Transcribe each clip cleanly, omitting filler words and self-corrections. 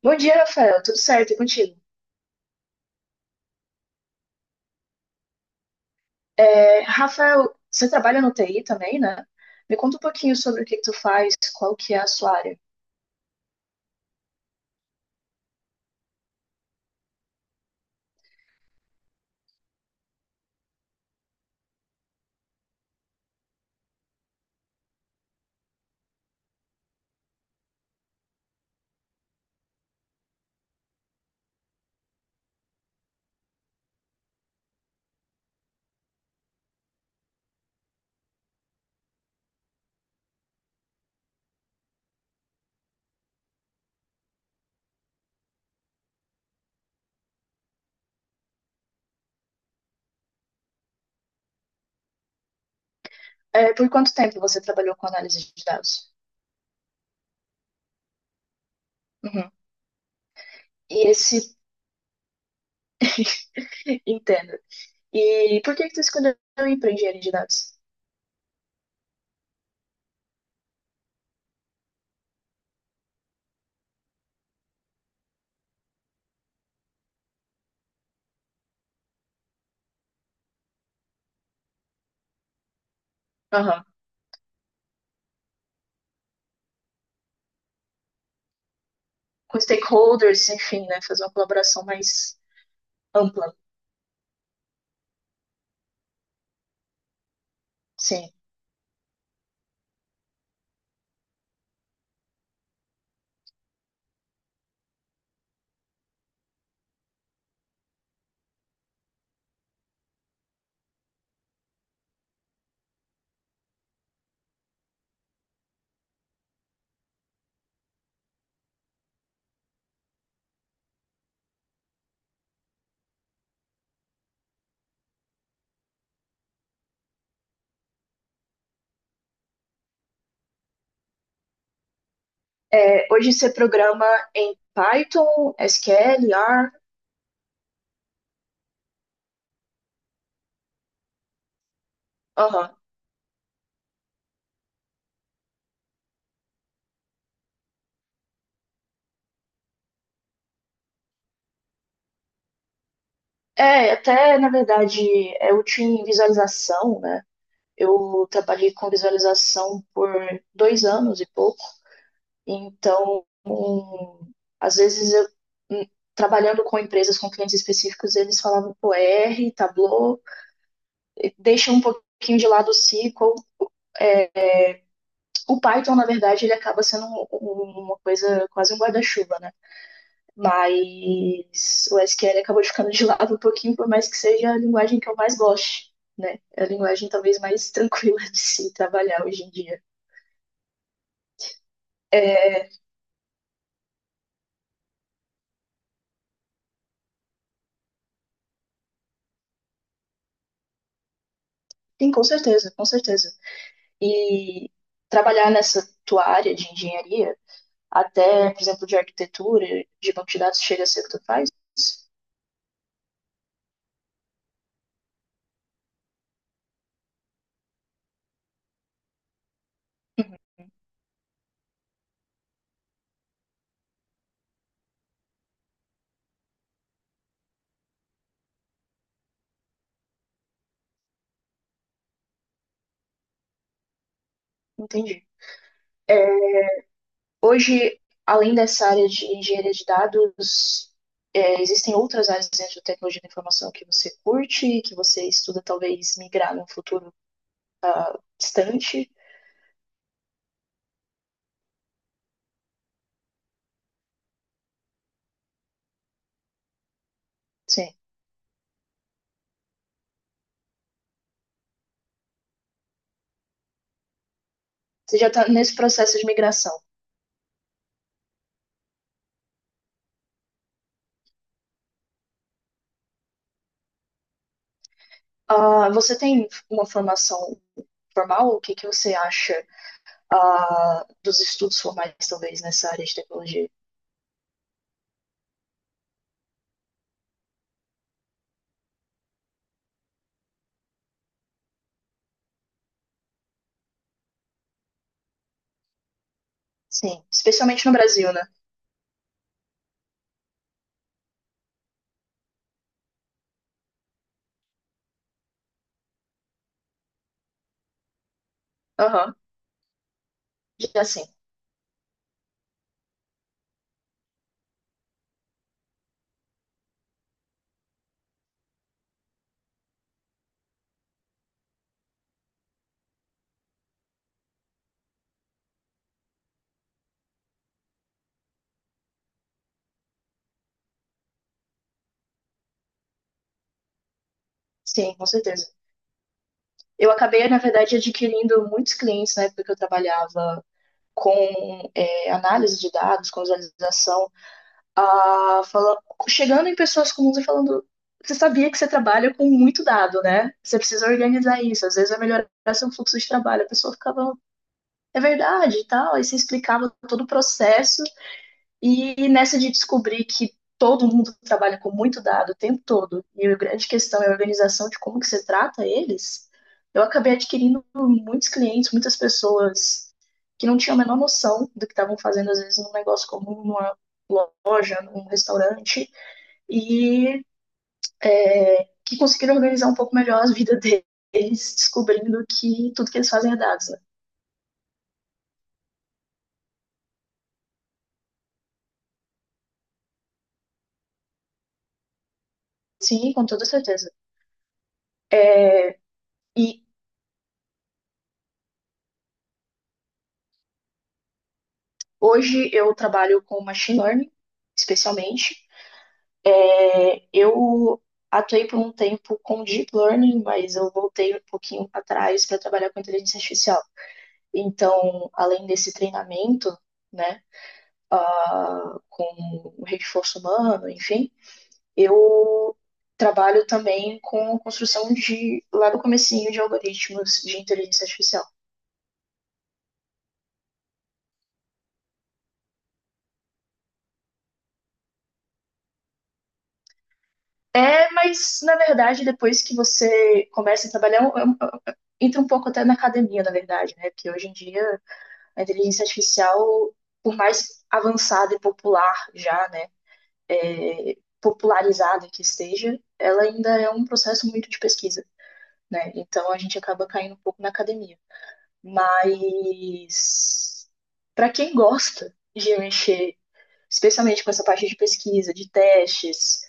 Bom dia, Rafael. Tudo certo? E contigo? Rafael, você trabalha no TI também, né? Me conta um pouquinho sobre o que que tu faz, qual que é a sua área. É, por quanto tempo você trabalhou com análise de dados? Uhum. E esse... Entendo. E por que que tu escolheu ir para engenharia de dados? Aham. Com stakeholders, enfim, né? Fazer uma colaboração mais ampla. Sim. É, hoje você programa em Python, SQL, R? Aham. É, até na verdade, é útil em visualização, né? Eu trabalhei com visualização por dois anos e pouco, então, às vezes, hum, trabalhando com empresas, com clientes específicos, eles falavam pro R, Tableau, e deixa um pouquinho de lado o SQL. O Python, na verdade, ele acaba sendo uma coisa, quase um guarda-chuva, né? Mas o SQL acabou ficando de lado um pouquinho, por mais que seja a linguagem que eu mais goste, né? É a linguagem talvez mais tranquila de se trabalhar hoje em dia. É, sim, com certeza, com certeza. E trabalhar nessa tua área de engenharia, até, por exemplo, de arquitetura, de banco de dados, chega a ser o que tu faz? Uhum, entendi. É, hoje, além dessa área de engenharia de dados, é, existem outras áreas dentro da tecnologia da informação que você curte, que você estuda talvez migrar num futuro distante? Sim, você já está nesse processo de migração. Ah, você tem uma formação formal? O que que você acha ah, dos estudos formais, talvez, nessa área de tecnologia? Sim, especialmente no Brasil, né? Aham, já sim. Sim, com certeza. Eu acabei, na verdade, adquirindo muitos clientes na época que eu trabalhava com é, análise de dados, com visualização, a fala, chegando em pessoas comuns e falando: você sabia que você trabalha com muito dado, né? Você precisa organizar isso, às vezes vai melhorar seu fluxo de trabalho. A pessoa ficava, é verdade e tal. Aí você explicava todo o processo e nessa de descobrir que todo mundo trabalha com muito dado o tempo todo, e a grande questão é a organização de como que você trata eles, eu acabei adquirindo muitos clientes, muitas pessoas que não tinham a menor noção do que estavam fazendo, às vezes, num negócio comum, numa loja, num restaurante, e que conseguiram organizar um pouco melhor a vida deles, descobrindo que tudo que eles fazem é dados. Né? Sim, com toda certeza. E hoje eu trabalho com machine learning, especialmente, é, eu atuei por um tempo com deep learning, mas eu voltei um pouquinho para trás para trabalhar com inteligência artificial. Então, além desse treinamento, né, ah, com o reforço humano, enfim, eu trabalho também com construção de, lá do comecinho, de algoritmos de inteligência artificial. É, mas na verdade, depois que você começa a trabalhar, é um, entra um pouco até na academia, na verdade, né? Porque hoje em dia a inteligência artificial, por mais avançada e popular já, né, é, popularizada que esteja, ela ainda é um processo muito de pesquisa, né? Então a gente acaba caindo um pouco na academia. Mas para quem gosta de mexer, especialmente com essa parte de pesquisa, de testes,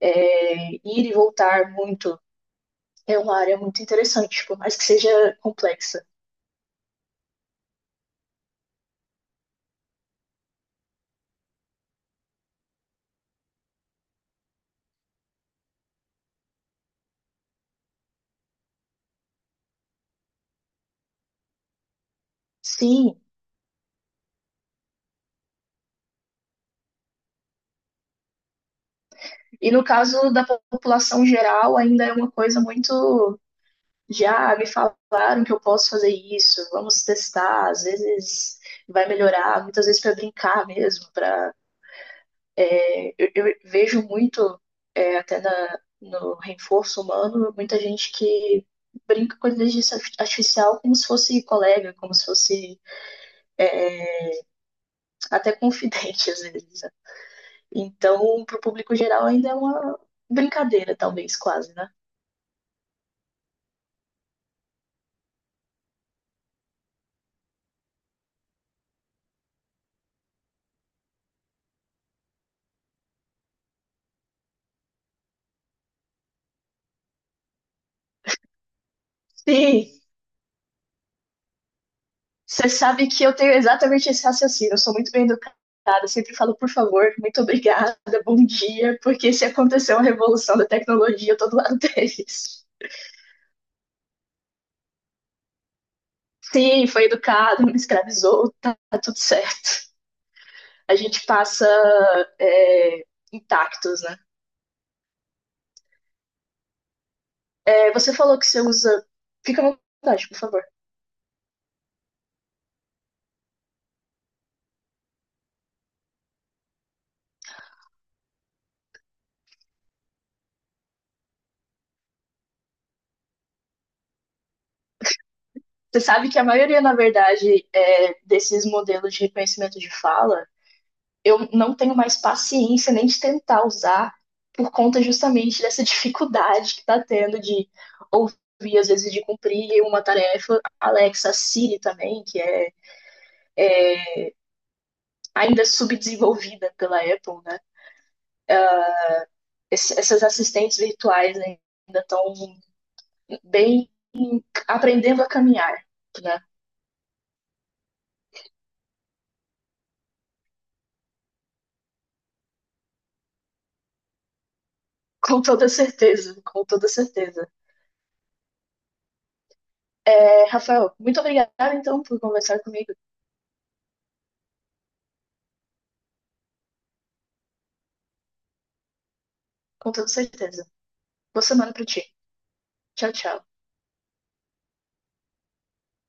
é, ir e voltar muito, é uma área muito interessante, por mais que seja complexa. Sim, e no caso da população geral, ainda é uma coisa muito. Já me falaram que eu posso fazer isso, vamos testar, às vezes vai melhorar, muitas vezes para brincar mesmo. Pra, vejo muito, é, até na, no reforço humano, muita gente que brinca com inteligência artificial como se fosse colega, como se fosse até confidente às vezes. Então, para o público geral, ainda é uma brincadeira, talvez, quase, né? Sim, você sabe que eu tenho exatamente esse raciocínio. Eu sou muito bem educada, eu sempre falo por favor, muito obrigada, bom dia, porque se aconteceu uma revolução da tecnologia, eu tô do lado deles. Sim, foi educado, não me escravizou, tá, tá tudo certo. A gente passa é, intactos, né? É, você falou que você usa. Fica à vontade, por favor. Você sabe que a maioria, na verdade, é, desses modelos de reconhecimento de fala, eu não tenho mais paciência nem de tentar usar por conta justamente dessa dificuldade que está tendo de ouvir, às vezes, de cumprir uma tarefa. Alexa, Siri também, que é ainda subdesenvolvida pela Apple, né? Essas assistentes virtuais ainda estão bem aprendendo a caminhar, né? Com toda certeza, com toda certeza. É, Rafael, muito obrigada então por conversar comigo, com toda certeza. Boa semana para ti. Tchau, tchau.